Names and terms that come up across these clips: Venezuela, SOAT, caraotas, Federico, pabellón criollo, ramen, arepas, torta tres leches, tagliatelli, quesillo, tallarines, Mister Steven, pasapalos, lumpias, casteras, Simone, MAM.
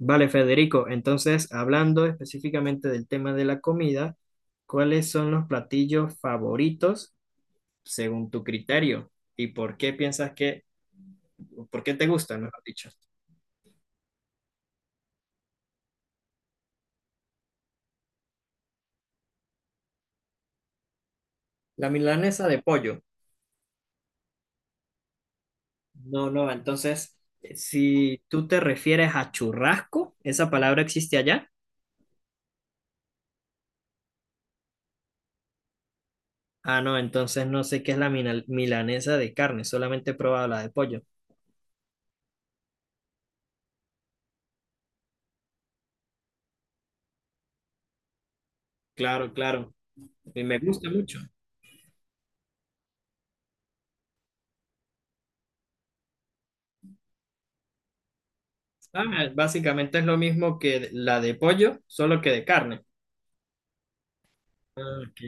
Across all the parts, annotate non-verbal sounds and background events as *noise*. Vale, Federico, entonces hablando específicamente del tema de la comida, ¿cuáles son los platillos favoritos según tu criterio? ¿Y por qué piensas por qué te gustan, mejor dicho? La milanesa de pollo. No, no, entonces, si tú te refieres a churrasco, ¿esa palabra existe allá? Ah, no, entonces no sé qué es la milanesa de carne, solamente he probado la de pollo. Claro, claro, y me gusta mucho. Ah, básicamente es lo mismo que la de pollo, solo que de carne. Ah, ok.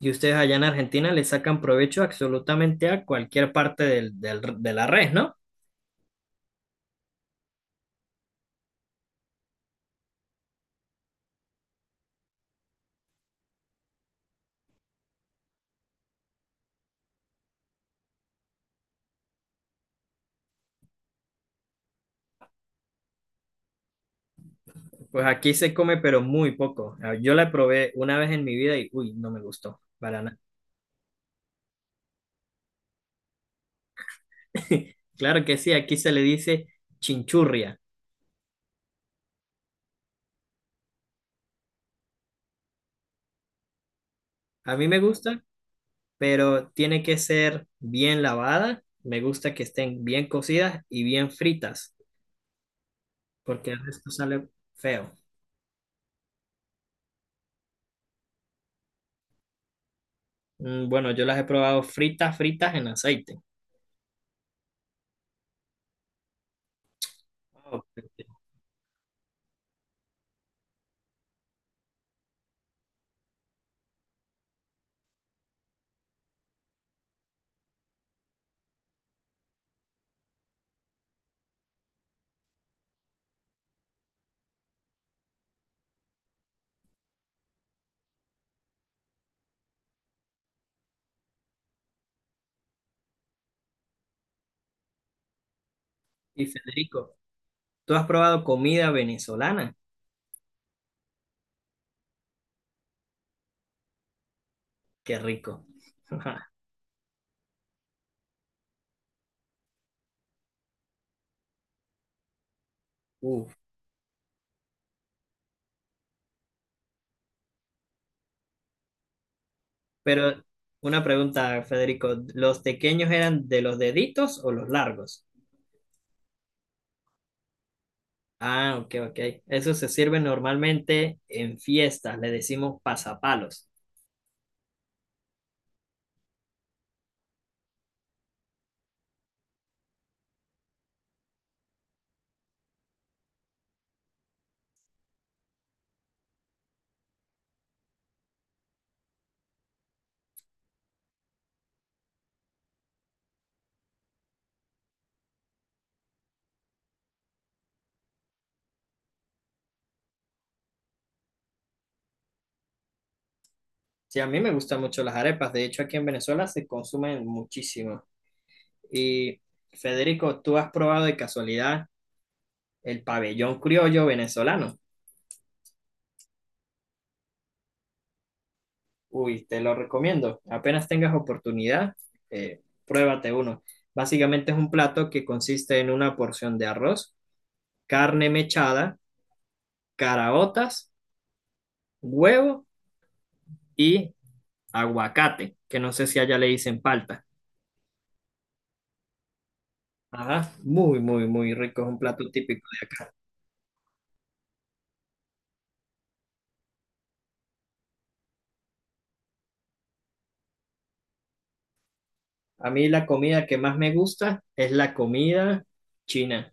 Y ustedes allá en Argentina le sacan provecho absolutamente a cualquier parte de la res, ¿no? Pues aquí se come, pero muy poco. Ah, yo la probé una vez en mi vida y, uy, no me gustó para nada. *laughs* Claro que sí, aquí se le dice chinchurria. A mí me gusta, pero tiene que ser bien lavada. Me gusta que estén bien cocidas y bien fritas, porque el resto sale feo. Mm, bueno, yo las he probado fritas, fritas en aceite. Ah, perfecto. Y Federico, ¿tú has probado comida venezolana? Qué rico. *laughs* Uf. Pero una pregunta, Federico, ¿los pequeños eran de los deditos o los largos? Ah, ok, ok. Eso se sirve normalmente en fiestas, le decimos pasapalos. Sí, a mí me gustan mucho las arepas, de hecho aquí en Venezuela se consumen muchísimo. Y Federico, ¿tú has probado de casualidad el pabellón criollo venezolano? Uy, te lo recomiendo. Apenas tengas oportunidad, pruébate uno. Básicamente es un plato que consiste en una porción de arroz, carne mechada, caraotas, huevo y aguacate, que no sé si allá le dicen palta. Ajá, muy, muy, muy rico. Es un plato típico. A mí la comida que más me gusta es la comida china.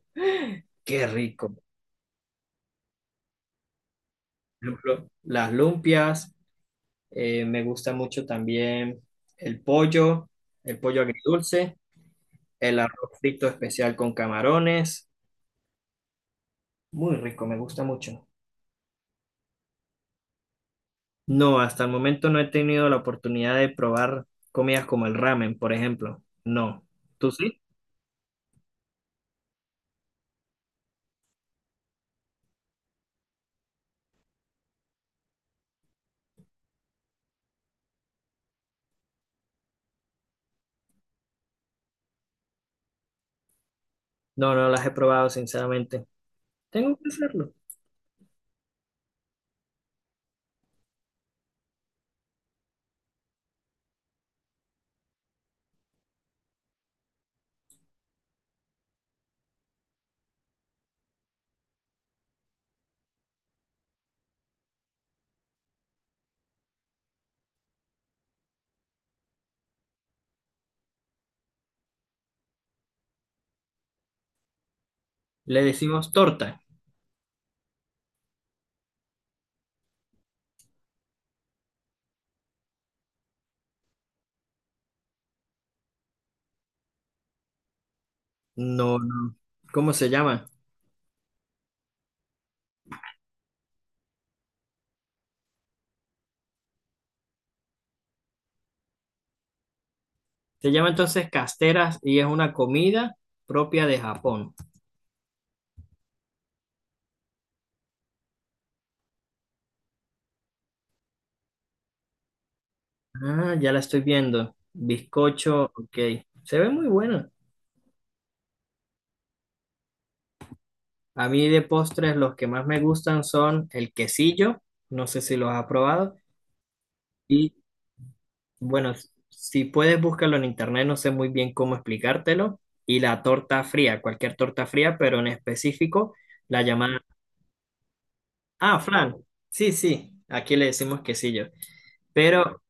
Qué rico. Por ejemplo, las lumpias. Me gusta mucho también el pollo, el pollo agridulce. El arroz frito especial con camarones, muy rico, me gusta mucho. No, hasta el momento no he tenido la oportunidad de probar comidas como el ramen, por ejemplo. No. ¿Tú sí? No, no las he probado, sinceramente. Tengo que hacerlo. Le decimos torta. No, no. ¿Cómo se llama? Se llama entonces casteras y es una comida propia de Japón. Ah, ya la estoy viendo. Bizcocho, ok. Se ve muy bueno. A mí de postres los que más me gustan son el quesillo, no sé si los has probado, y bueno, si puedes búscalo en internet, no sé muy bien cómo explicártelo, y la torta fría, cualquier torta fría, pero en específico la llamada... Ah, flan sí, sí, aquí le decimos quesillo, pero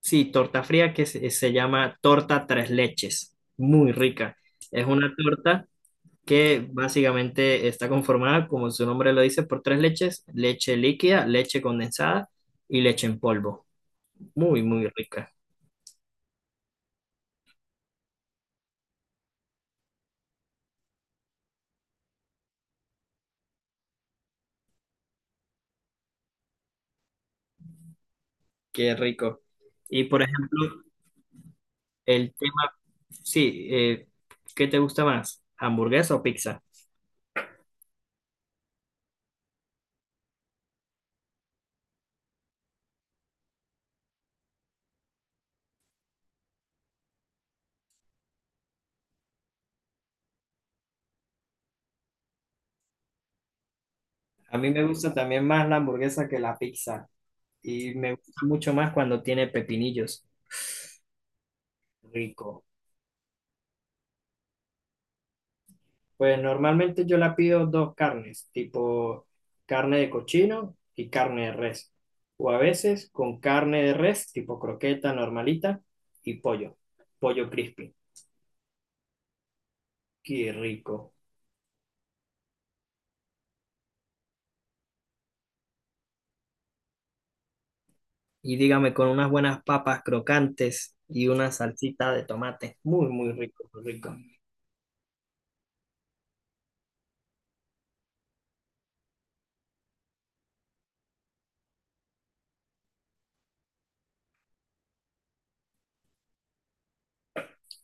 sí, torta fría se llama torta tres leches, muy rica. Es una torta que básicamente está conformada, como su nombre lo dice, por tres leches, leche líquida, leche condensada y leche en polvo. Muy, muy rica. Qué rico. Y por ejemplo, el tema, sí, ¿qué te gusta más? ¿Hamburguesa o pizza? A mí me gusta también más la hamburguesa que la pizza. Y me gusta mucho más cuando tiene pepinillos. Rico. Pues normalmente yo la pido dos carnes, tipo carne de cochino y carne de res. O a veces con carne de res, tipo croqueta normalita y pollo, pollo crispy. Qué rico. Y dígame, con unas buenas papas crocantes y una salsita de tomate. Muy, muy rico, muy rico.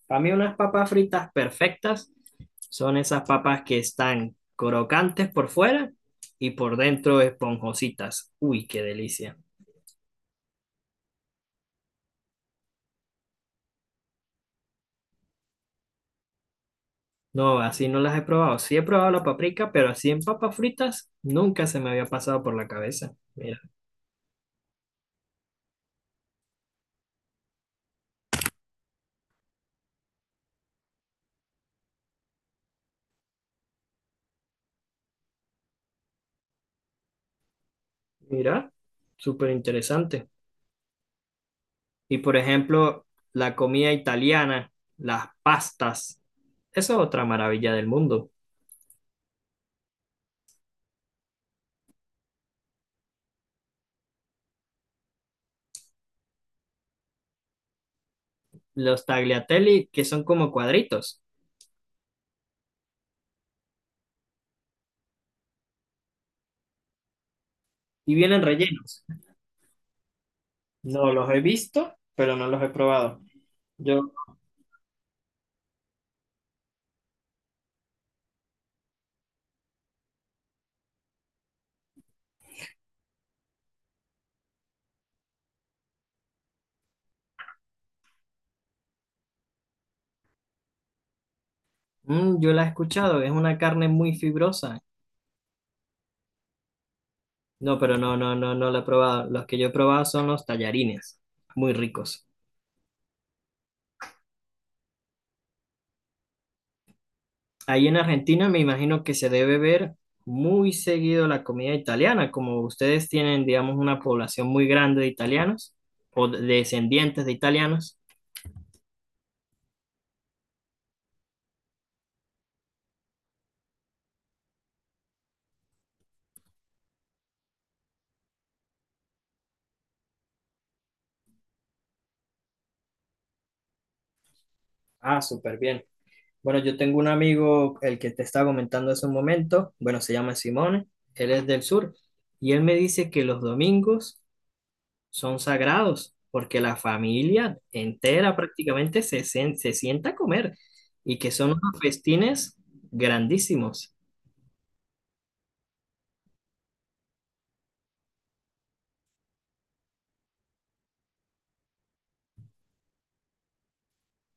Para mí unas papas fritas perfectas son esas papas que están crocantes por fuera y por dentro esponjositas. Uy, qué delicia. No, así no las he probado. Sí he probado la paprika, pero así en papas fritas nunca se me había pasado por la cabeza. Mira, mira, súper interesante. Y por ejemplo, la comida italiana, las pastas, esa es otra maravilla del mundo. Los tagliatelli, que son como cuadritos y vienen rellenos. No los he visto, pero no los he probado. Yo, yo la he escuchado, es una carne muy fibrosa. No, pero no, no, no, no lo he probado. Los que yo he probado son los tallarines, muy ricos. Ahí en Argentina me imagino que se debe ver muy seguido la comida italiana, como ustedes tienen, digamos, una población muy grande de italianos o descendientes de italianos. Ah, súper bien. Bueno, yo tengo un amigo, el que te estaba comentando hace un momento, bueno, se llama Simone, él es del sur, y él me dice que los domingos son sagrados, porque la familia entera prácticamente se sienta a comer y que son unos festines grandísimos.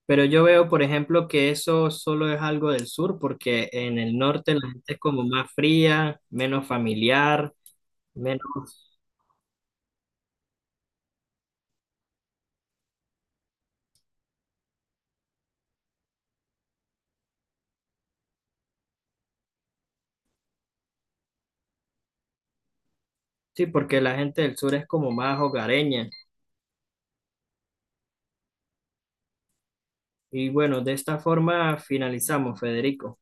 Pero yo veo, por ejemplo, que eso solo es algo del sur, porque en el norte la gente es como más fría, menos familiar, menos... Sí, porque la gente del sur es como más hogareña. Y bueno, de esta forma finalizamos, Federico.